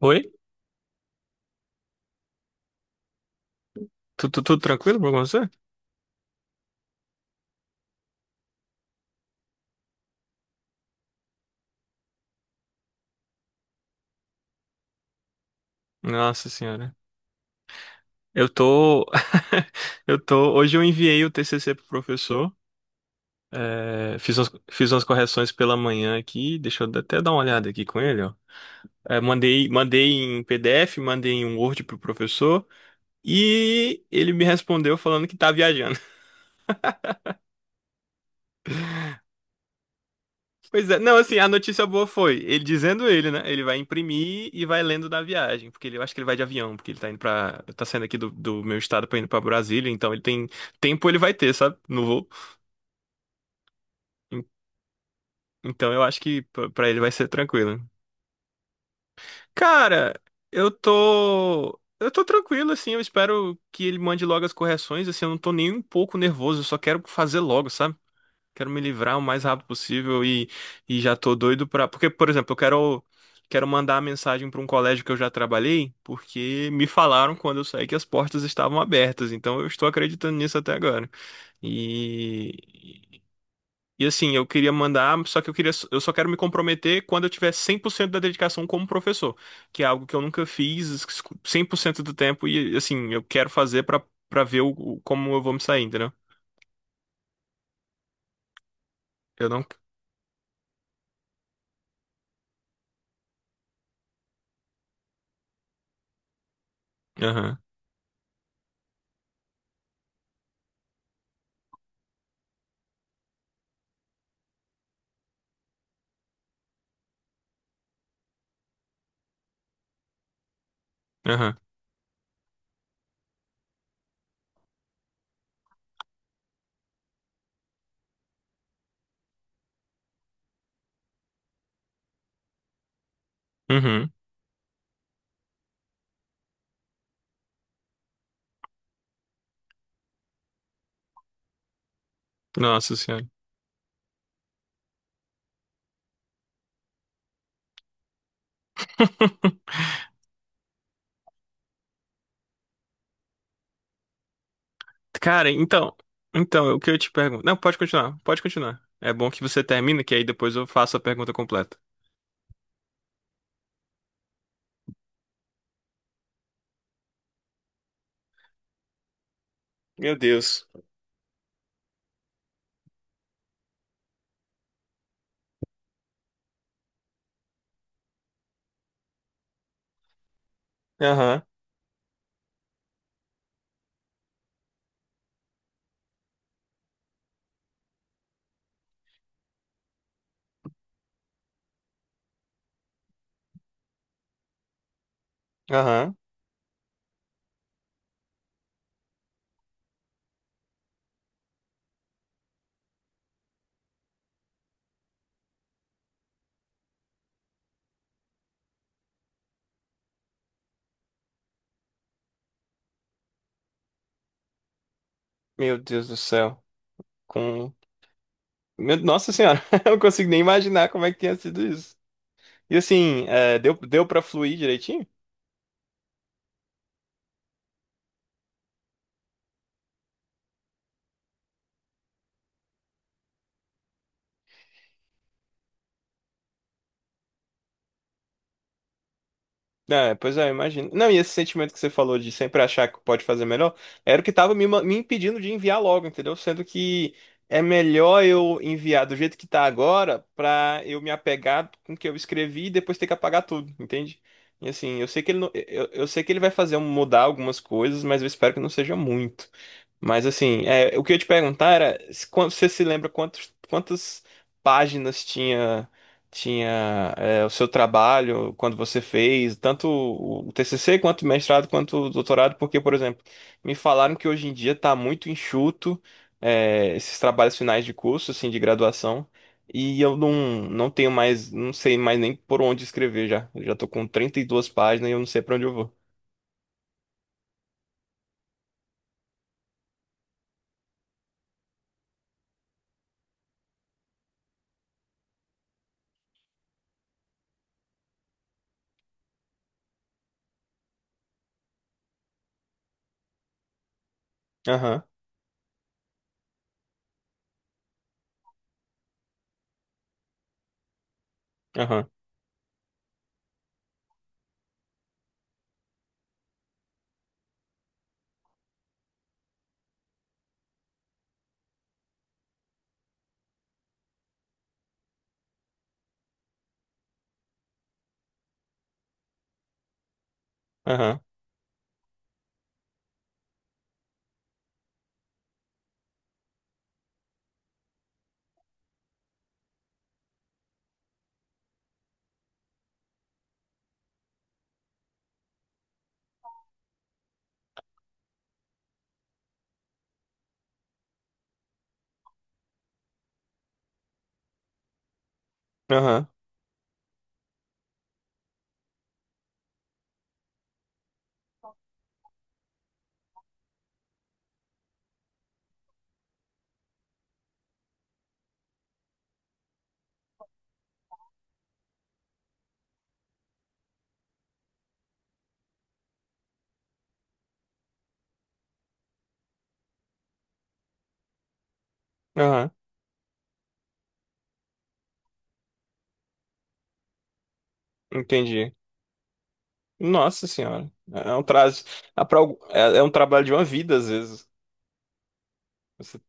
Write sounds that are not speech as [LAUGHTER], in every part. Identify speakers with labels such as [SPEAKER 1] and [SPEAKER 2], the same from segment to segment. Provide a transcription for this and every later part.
[SPEAKER 1] Oi? Tudo, tranquilo com você? Nossa senhora. Eu tô. [LAUGHS] Eu tô. Hoje eu enviei o TCC pro professor. Fiz umas correções pela manhã aqui. Deixa eu até dar uma olhada aqui com ele, ó. É, mandei, mandei em PDF, mandei em um Word pro professor. E ele me respondeu falando que tá viajando. Pois é, não, assim, a notícia boa foi, ele dizendo ele, né? Ele vai imprimir e vai lendo da viagem, porque ele, eu acho que ele vai de avião, porque ele tá indo pra, tá saindo aqui do, do meu estado pra indo pra Brasília, então ele tem tempo, ele vai ter, sabe? No voo. En- Então eu acho que pra ele vai ser tranquilo. Cara, eu tô tranquilo, assim, eu espero que ele mande logo as correções, assim, eu não tô nem um pouco nervoso, eu só quero fazer logo, sabe? Quero me livrar o mais rápido possível e já tô doido pra. Porque, por exemplo, quero mandar a mensagem pra um colégio que eu já trabalhei, porque me falaram quando eu saí que as portas estavam abertas. Então eu estou acreditando nisso até agora. E, e assim, eu queria mandar, só que eu queria, eu só quero me comprometer quando eu tiver 100% da dedicação como professor, que é algo que eu nunca fiz 100% do tempo e assim, eu quero fazer pra para ver como eu vou me sair, entendeu? Eu não. Aham. Aham. Uhum. Nossa senhora. [LAUGHS] Cara, então, o que eu te pergunto? Não, pode continuar, pode continuar. É bom que você termina, que aí depois eu faço a pergunta completa. Meu Deus. Aham, aham. Meu Deus do céu. Com... Nossa senhora, [LAUGHS] eu não consigo nem imaginar como é que tinha sido isso. E assim, é, deu pra fluir direitinho? É, pois é, eu imagino. Não, e esse sentimento que você falou de sempre achar que pode fazer melhor, era o que tava me impedindo de enviar logo, entendeu? Sendo que é melhor eu enviar do jeito que tá agora pra eu me apegar com o que eu escrevi e depois ter que apagar tudo, entende? E assim, eu sei que ele não, eu sei que ele vai fazer mudar algumas coisas, mas eu espero que não seja muito. Mas assim, é, o que eu ia te perguntar era se você se lembra quantas páginas tinha é, o seu trabalho quando você fez, tanto o TCC quanto o mestrado quanto o doutorado, porque, por exemplo, me falaram que hoje em dia está muito enxuto é, esses trabalhos finais de curso, assim, de graduação, e eu não, não tenho mais, não sei mais nem por onde escrever já. Eu já tô com 32 páginas e eu não sei para onde eu vou. Aham, aham, aham, aham, aham, entendi. Nossa senhora, é é um trabalho de uma vida às vezes. Você-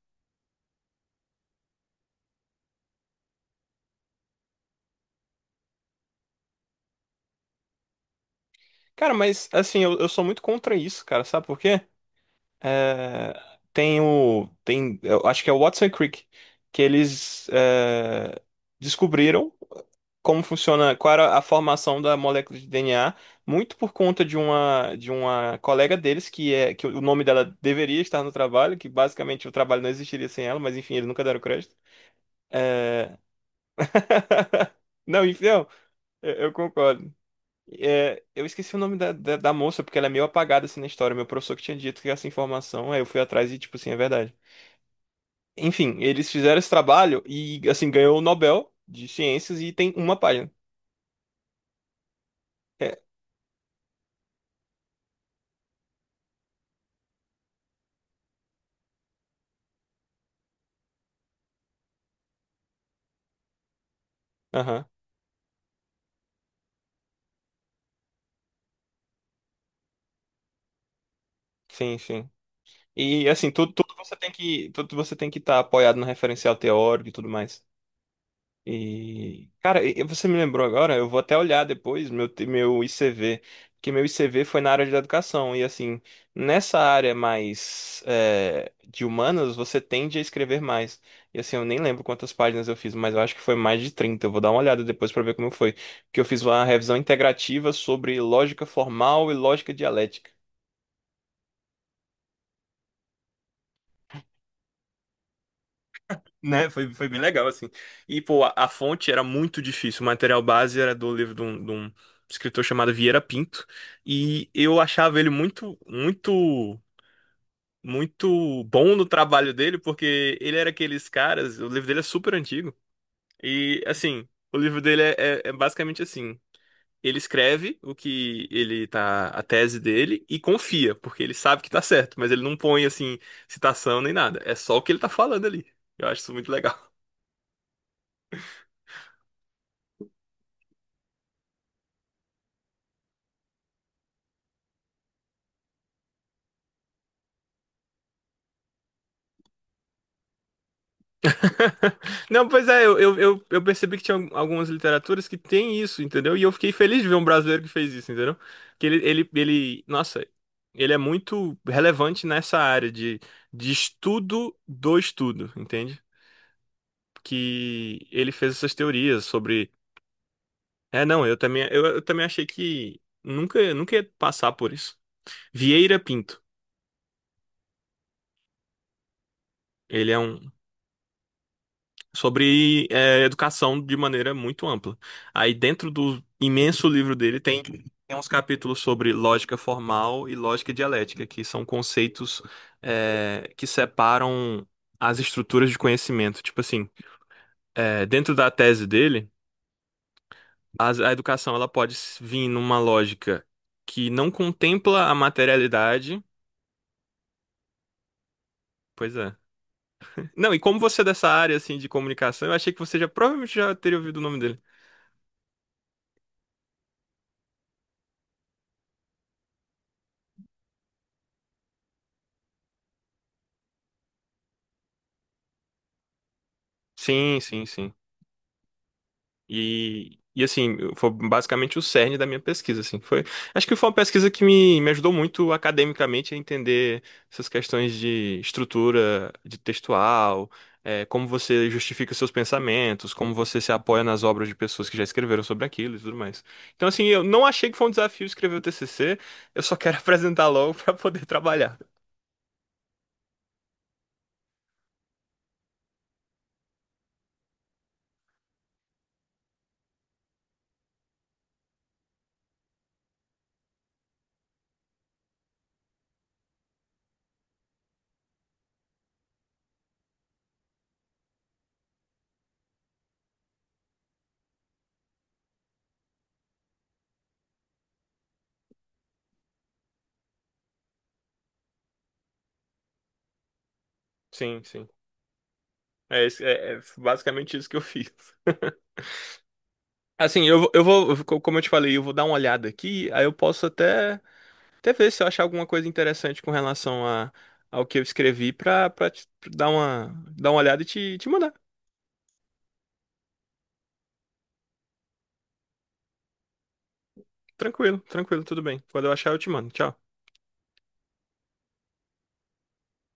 [SPEAKER 1] Cara, mas assim, eu sou muito contra isso, cara, sabe por quê? É, tem, eu acho que é o Watson Crick, que eles é, descobriram como funciona, qual era a formação da molécula de DNA, muito por conta de uma colega deles, que é, que o nome dela deveria estar no trabalho, que basicamente o trabalho não existiria sem ela, mas enfim, eles nunca deram crédito. É... [LAUGHS] Não, enfim, não. Eu concordo. É, eu esqueci o nome da moça, porque ela é meio apagada assim na história. Meu professor que tinha dito que essa informação, aí eu fui atrás e, tipo assim, é verdade. Enfim, eles fizeram esse trabalho e, assim, ganhou o Nobel de Ciências e tem uma página. É, aham, sim, sim. E, assim, tudo, tudo você tem que estar apoiado no referencial teórico e tudo mais. E, cara, você me lembrou agora, eu vou até olhar depois meu ICV, porque meu ICV foi na área de educação, e assim, nessa área mais é, de humanas, você tende a escrever mais. E assim, eu nem lembro quantas páginas eu fiz, mas eu acho que foi mais de 30. Eu vou dar uma olhada depois pra ver como foi. Porque eu fiz uma revisão integrativa sobre lógica formal e lógica dialética. Né? Foi, foi bem legal, assim. E, pô, a fonte era muito difícil. O material base era do livro de um escritor chamado Vieira Pinto. E eu achava ele muito bom no trabalho dele, porque ele era aqueles caras. O livro dele é super antigo. E, assim, o livro dele é, é basicamente assim. Ele escreve o que ele tá, a tese dele e confia, porque ele sabe que tá certo, mas ele não põe assim citação nem nada. É só o que ele tá falando ali. Eu acho isso muito legal. [LAUGHS] Não, pois é, eu percebi que tinha algumas literaturas que tem isso, entendeu? E eu fiquei feliz de ver um brasileiro que fez isso, entendeu? Que ele, nossa, ele é muito relevante nessa área de estudo do estudo, entende? Que ele fez essas teorias sobre. É, não, eu também, eu também achei que nunca ia passar por isso. Vieira Pinto. Ele é um, sobre é, educação de maneira muito ampla. Aí dentro do imenso livro dele tem uns capítulos sobre lógica formal e lógica dialética, que são conceitos é, que separam as estruturas de conhecimento. Tipo assim, é, dentro da tese dele, educação ela pode vir numa lógica que não contempla a materialidade. Pois é. Não, e como você é dessa área assim de comunicação, eu achei que você já provavelmente já teria ouvido o nome dele. Sim, sim, sim. E assim, foi basicamente o cerne da minha pesquisa, assim. Foi, acho que foi uma pesquisa que me ajudou muito academicamente a entender essas questões de estrutura, de textual, eh, como você justifica seus pensamentos, como você se apoia nas obras de pessoas que já escreveram sobre aquilo e tudo mais. Então, assim, eu não achei que foi um desafio escrever o TCC, eu só quero [LAUGHS] apresentar logo para poder trabalhar. Sim, sim. É, é basicamente isso que eu fiz. Assim, eu vou, como eu te falei, eu vou dar uma olhada aqui, aí eu posso até Até ver se eu achar alguma coisa interessante com relação a, ao que eu escrevi pra dar uma olhada e te mandar. Tranquilo, tranquilo, tudo bem. Quando eu achar, eu te mando. Tchau.